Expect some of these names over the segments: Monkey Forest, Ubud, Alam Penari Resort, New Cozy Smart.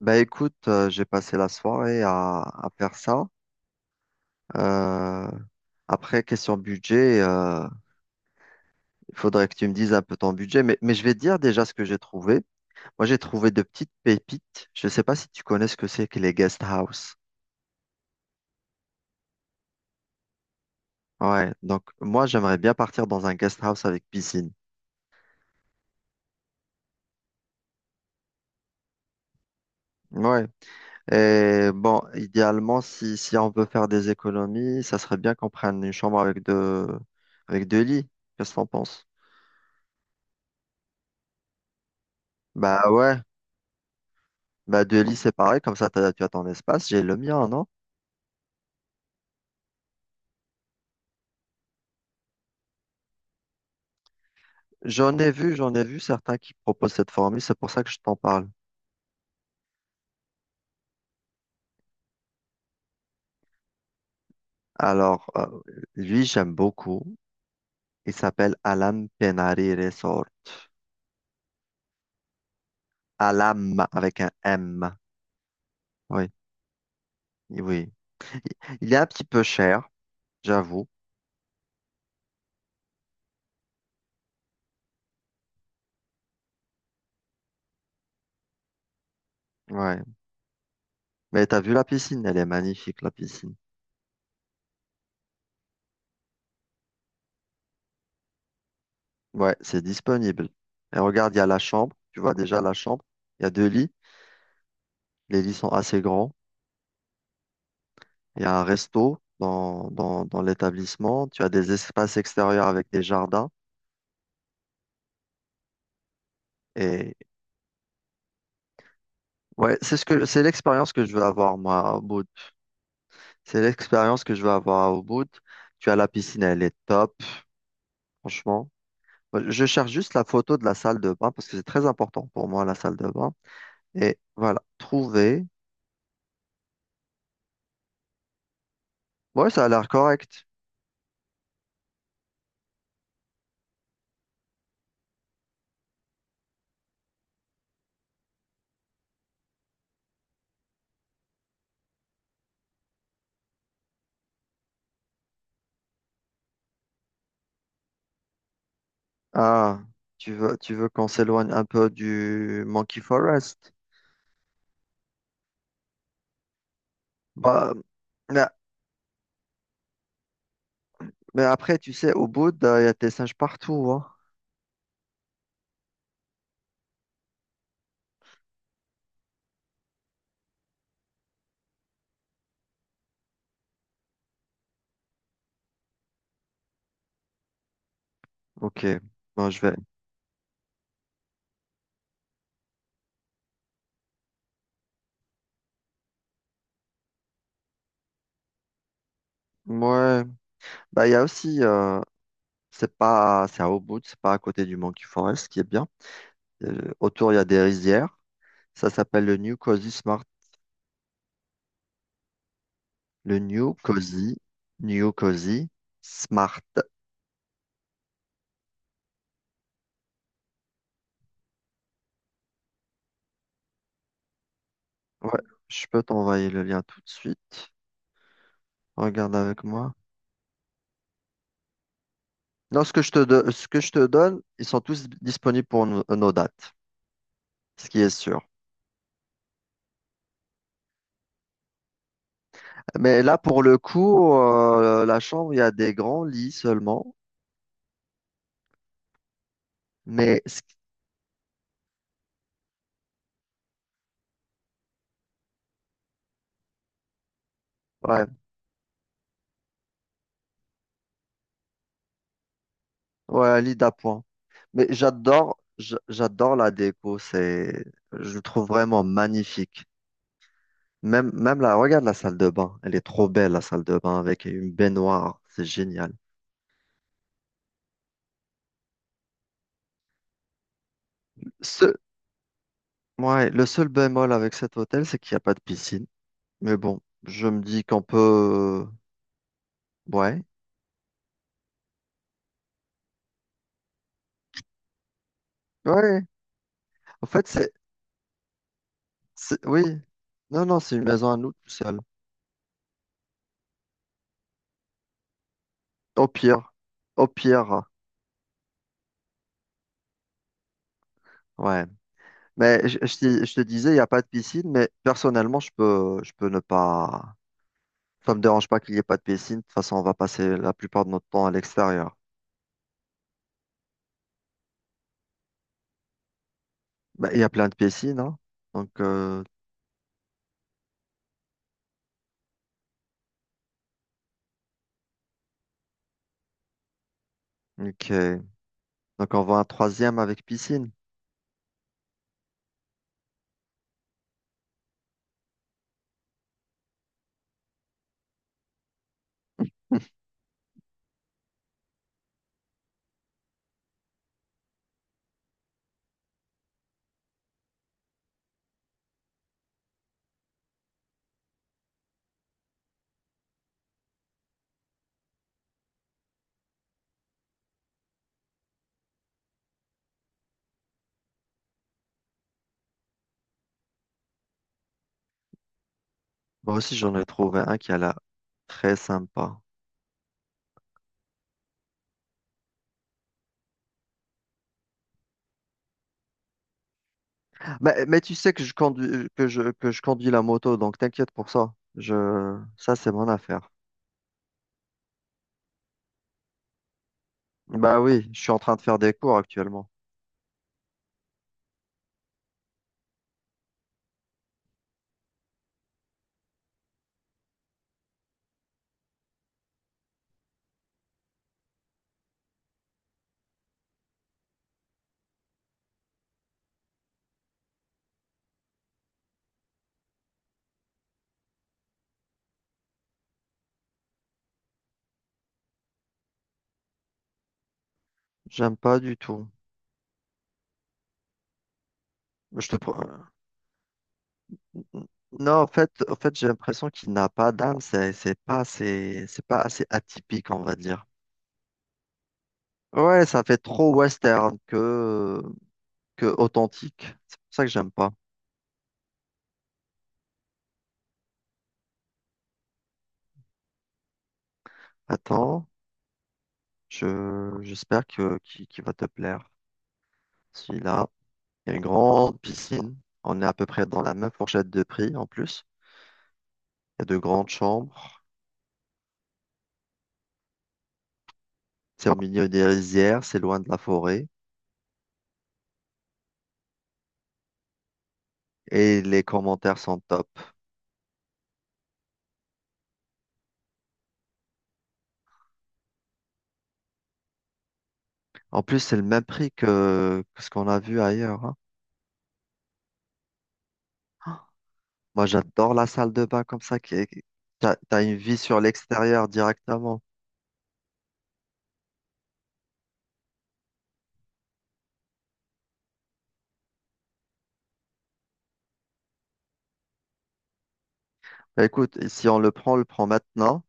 Bah écoute, j'ai passé la soirée à faire ça. Euh, Après, question budget, il faudrait que tu me dises un peu ton budget, mais je vais te dire déjà ce que j'ai trouvé. Moi, j'ai trouvé de petites pépites. Je ne sais pas si tu connais ce que c'est que les guest house. Ouais, donc moi, j'aimerais bien partir dans un guest house avec piscine. Ouais. Et bon, idéalement, si on veut faire des économies, ça serait bien qu'on prenne une chambre avec avec deux lits. Qu'est-ce que t'en penses? Bah ouais. Bah, de lit, c'est pareil, comme ça, tu as ton espace, j'ai le mien, non? J'en ai vu certains qui proposent cette formule, c'est pour ça que je t'en parle. Alors, lui, j'aime beaucoup. Il s'appelle Alam Penari Resort. Alam, avec un M. Oui, oui. Il est un petit peu cher, j'avoue. Ouais. Mais t'as vu la piscine, elle est magnifique, la piscine. Ouais, c'est disponible. Et regarde, il y a la chambre. Tu vois déjà la chambre. Il y a deux lits. Les lits sont assez grands. Il y a un resto dans l'établissement. Tu as des espaces extérieurs avec des jardins. Et ouais, c'est l'expérience que je veux avoir, moi, au bout. C'est l'expérience que je veux avoir au bout. Tu as la piscine, elle est top, franchement. Je cherche juste la photo de la salle de bain parce que c'est très important pour moi, la salle de bain. Et voilà, trouver. Ouais, ça a l'air correct. Ah, tu veux qu'on s'éloigne un peu du Monkey Forest? Bah, mais après, tu sais, au bout, il y a des singes partout, hein. Ok, bon, je vais. Ouais, bah, il y a aussi, c'est à Ubud, c'est pas à côté du Monkey Forest, ce qui est bien. Autour, il y a des rizières. Ça s'appelle le New Cozy Smart. Le New Cozy, New Cozy Smart. Ouais, je peux t'envoyer le lien tout de suite. Regarde avec moi. Non, ce que je te donne, ils sont tous disponibles pour nos dates, ce qui est sûr. Mais là, pour le coup, la chambre, il y a des grands lits seulement. Mais ce- ouais, ouais, un lit d'appoint. Mais j'adore la déco. C'est, je le trouve vraiment magnifique. Même là, regarde la salle de bain. Elle est trop belle, la salle de bain, avec une baignoire. C'est génial. Ce, ouais, le seul bémol avec cet hôtel, c'est qu'il n'y a pas de piscine. Mais bon, je me dis qu'on peut, ouais, ouais. En fait, c'est- oui. Non, non, c'est une maison à nous tout seul. Au pire, au pire, ouais. Mais je te disais, il n'y a pas de piscine, mais personnellement, je peux ne pas. Ça me dérange pas qu'il n'y ait pas de piscine. De toute façon, on va passer la plupart de notre temps à l'extérieur. Bah, il y a plein de piscines, hein. Donc, ok. Donc, on voit un troisième avec piscine. Moi aussi, j'en ai trouvé un qui a l'air très sympa. Mais tu sais que je conduis, que je conduis la moto, donc t'inquiète pour ça. Je, ça, c'est mon affaire. Bah oui, je suis en train de faire des cours actuellement. J'aime pas du tout. Je te... pro- Non, en fait, j'ai l'impression qu'il n'a pas d'âme. C'est pas assez atypique, on va dire. Ouais, ça fait trop western que authentique. C'est pour ça que j'aime pas. Attends, j'espère qu'il va te plaire. Celui-là, il y a une grande piscine. On est à peu près dans la même fourchette de prix en plus. Il y a de grandes chambres. C'est au milieu des rizières, c'est loin de la forêt. Et les commentaires sont top. En plus, c'est le même prix que ce qu'on a vu ailleurs. Moi, j'adore la salle de bain comme ça, qui- t'as, t'as une vie sur l'extérieur directement. Bah, écoute, si on le prend, on le prend maintenant.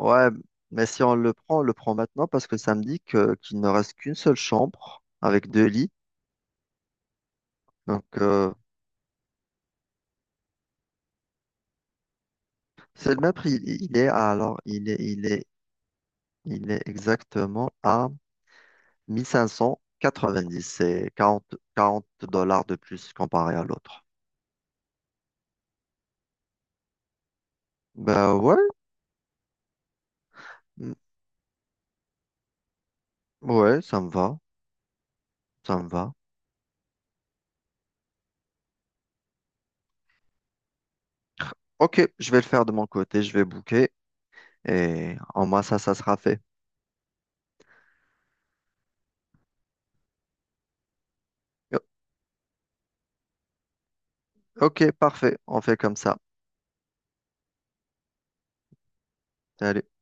Ouais, mais si on le prend, on le prend maintenant parce que ça me dit qu'il ne reste qu'une seule chambre avec deux lits. Donc, c'est le même prix. Il est à- alors, il est, il est, il est exactement à 1590. C'est 40 dollars de plus comparé à l'autre. Bah ouais, mm, ouais, ça me va, ça me va. Ok, je vais le faire de mon côté, je vais booker et en moi ça, ça sera fait. Ok, parfait, on fait comme ça. Salut.